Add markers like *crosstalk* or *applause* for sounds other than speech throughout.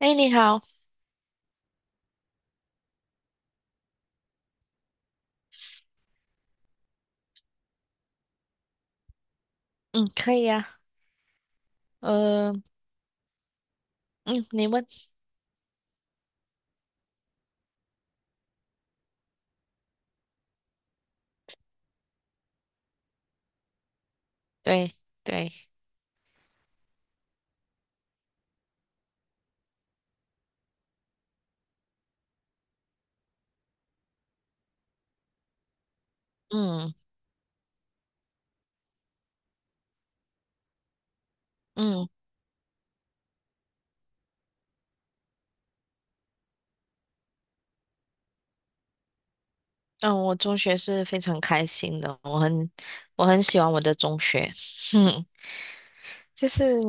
哎，你好。嗯，可以呀。呃，嗯，你问。对，对。嗯，嗯嗯，我中学是非常开心的，我很喜欢我的中学，*laughs* 哼，就是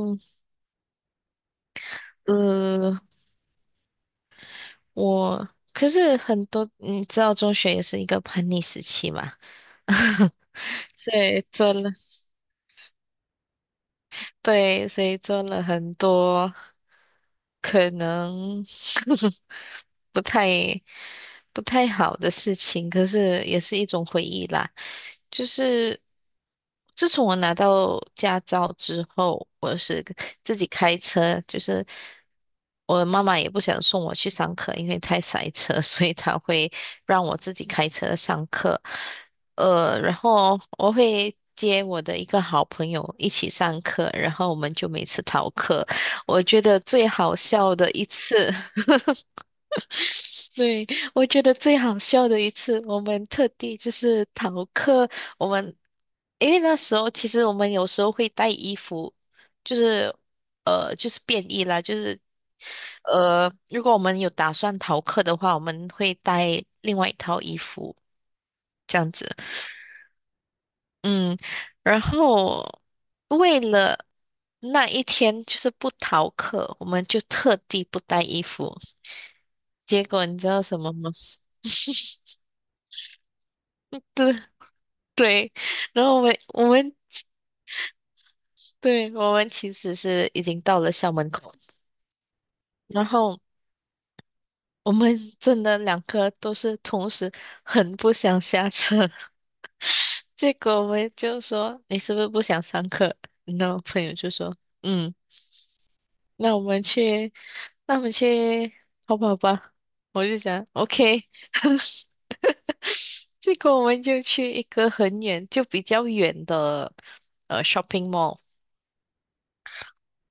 呃，我可是很多你知道中学也是一个叛逆时期嘛。*laughs* 所以做了对，所以做了很多。可能 *laughs* 不太不太好的事情，可是也是一种回忆啦。就是自从我拿到驾照之后，我是自己开车。就是我妈妈也不想送我去上课，因为太塞车，*laughs* 所以她会让我自己开车上课。然后我会接我的一个好朋友一起上课，然后我们就每次逃课。我觉得最好笑的一次，*laughs* 对，我觉得最好笑的一次，我们特地就是逃课。我们因为那时候其实我们有时候会带衣服，就是就是便衣啦。就是如果我们有打算逃课的话，我们会带另外一套衣服这样子。嗯，然后为了那一天就是不逃课，我们就特地不带衣服。结果你知道什么吗？*laughs* 对，对，然后我们对，我们其实是已经到了校门口，然后我们真的两个都是同时很不想下车。*laughs* 结果我们就说你是不是不想上课？然后朋友就说嗯。那我们去，那我们去淘宝吧。我就想，OK。*laughs* 这个我们就去一个很远，就比较远的shopping mall，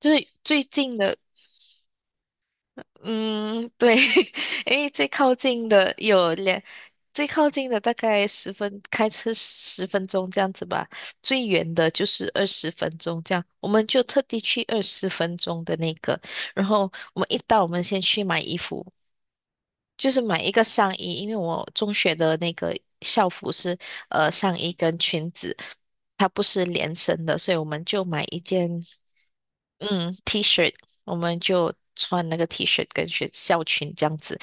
就是最近的。嗯，对。*laughs* 因为最靠近的有两，最靠近的大概十分，开车十分钟这样子吧，最远的就是二十分钟这样，我们就特地去二十分钟的那个。然后我们一到，我们先去买衣服。就是买一个上衣，因为我中学的那个校服是上衣跟裙子，它不是连身的，所以我们就买一件嗯 T 恤，我们就穿那个 T 恤跟学校裙这样子。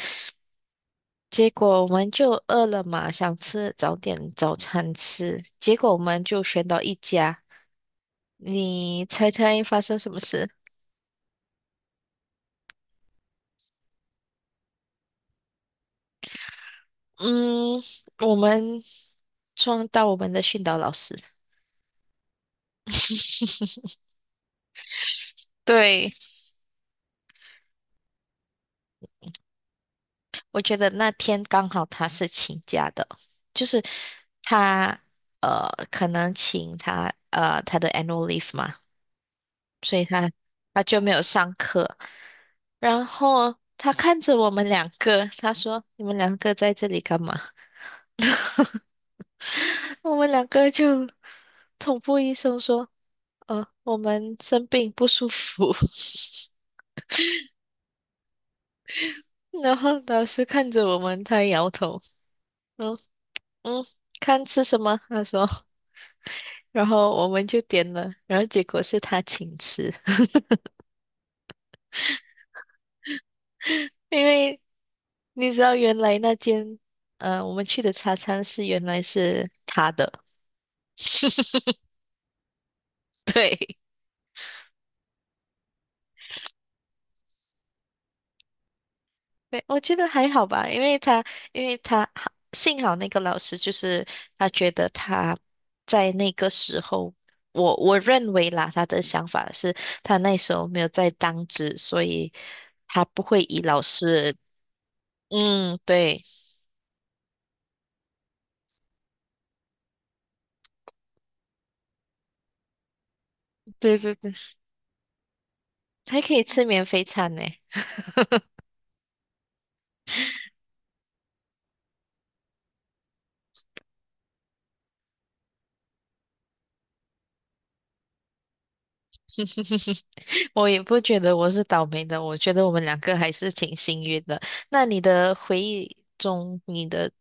结果我们就饿了嘛，想吃早点早餐吃，结果我们就选到一家，你猜猜发生什么事？嗯，我们撞到我们的训导老师。对。我觉得那天刚好他是请假的，就是他可能请他他的 annual leave 嘛，所以他上课。然后他看着我们两个，他说：“你们两个在这里干嘛？” *laughs* 我们两个就同步医生说：“呃，我们生病不舒服。”然后老师看着我们，他摇头。嗯，嗯，看吃什么？他说。然后我们就点了，然后结果是他请吃。*laughs* 因为你知道原来那间我们去的茶餐室原来是他的。*laughs* 对。对，我觉得还好吧，因为他，因为他，幸好那个老师就是他觉得他在那个时候，我我认为啦，他的想法是他那时候没有在当值，所以他不会以老师。嗯，对。对对对。还可以吃免费餐呢。*laughs* 我也不觉得我是倒霉的，我觉得我们两个还是挺幸运的。那你的回忆中，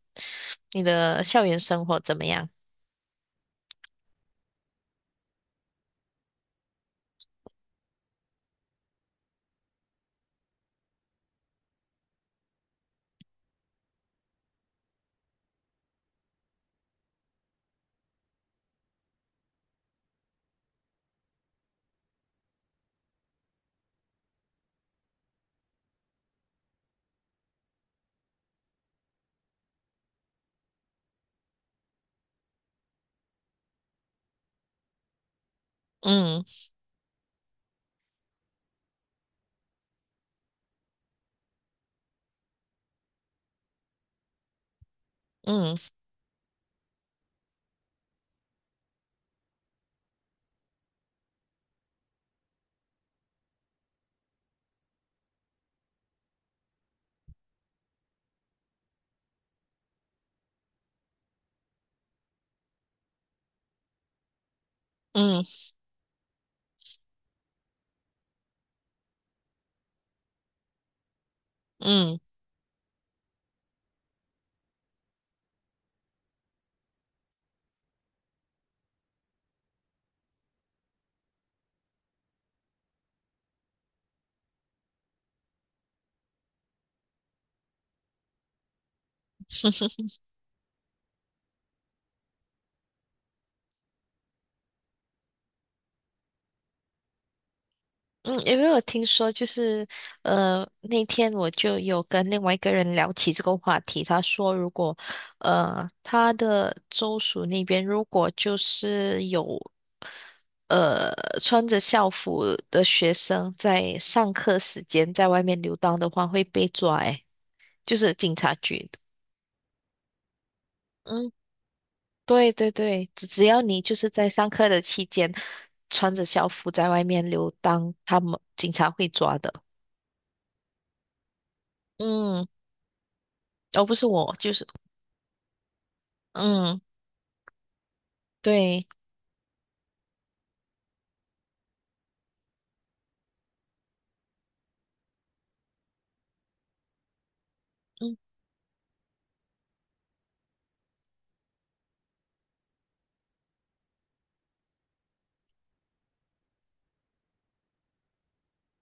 你的校园生活怎么样？嗯，嗯嗯嗯。嗯，因为我听说就是，那天我就有跟另外一个人聊起这个话题，他说如果，他的州属那边如果就是有，穿着校服的学生在上课时间在外面游荡的话，会被抓。诶，就是警察局。嗯，对对对，只只要你就是在上课的期间穿着校服在外面游荡，他们警察会抓的。嗯。哦，不是我，就是嗯，对。嗯，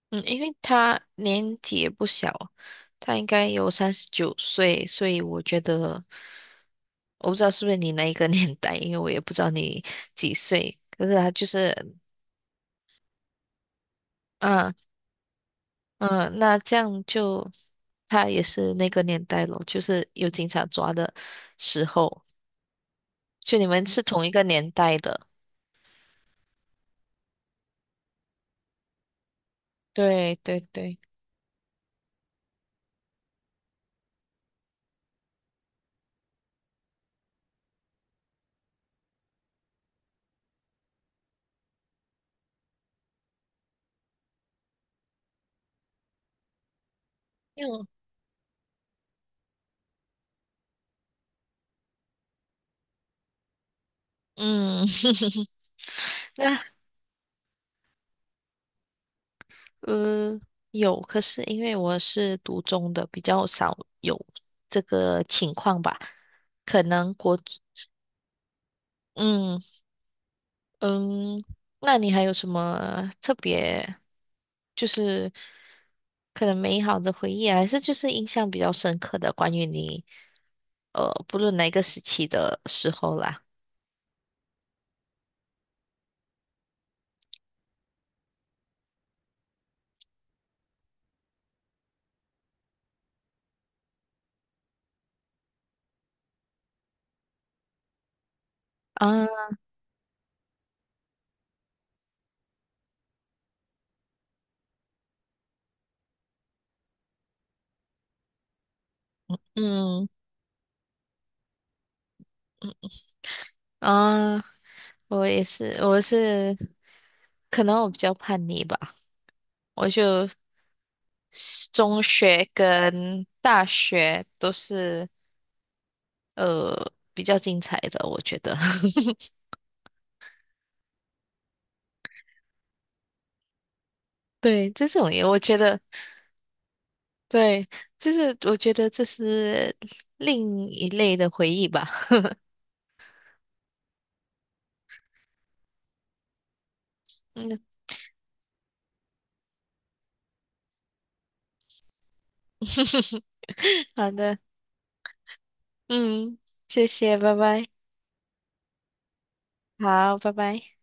嗯，因为他年纪也不小，他应该有39岁，所以我觉得我不知道是不是你那一个 *laughs* 年代，因为我也不知道你几岁。可是他就是，嗯，嗯。那这样就他也是那个年代咯，就是有警察抓的时候，就你们是同一个年代的。对对对。因为我嗯。*laughs* 那呃，有，可是因为我是读中的，比较少有这个情况吧。可能国，嗯，嗯，那你还有什么特别，就是可能美好的回忆啊还是就是印象比较深刻的关于你，不论哪个时期的时候啦。啊，嗯，啊，我也是，我是，可能我比较叛逆吧，我就。中学跟大学都是比较精彩的，我觉得。*laughs* 对，这种也我觉得，对，就是我觉得这是另一类的回忆吧。*laughs* 嗯。*laughs* 好的。嗯，谢谢，拜拜。好，拜拜。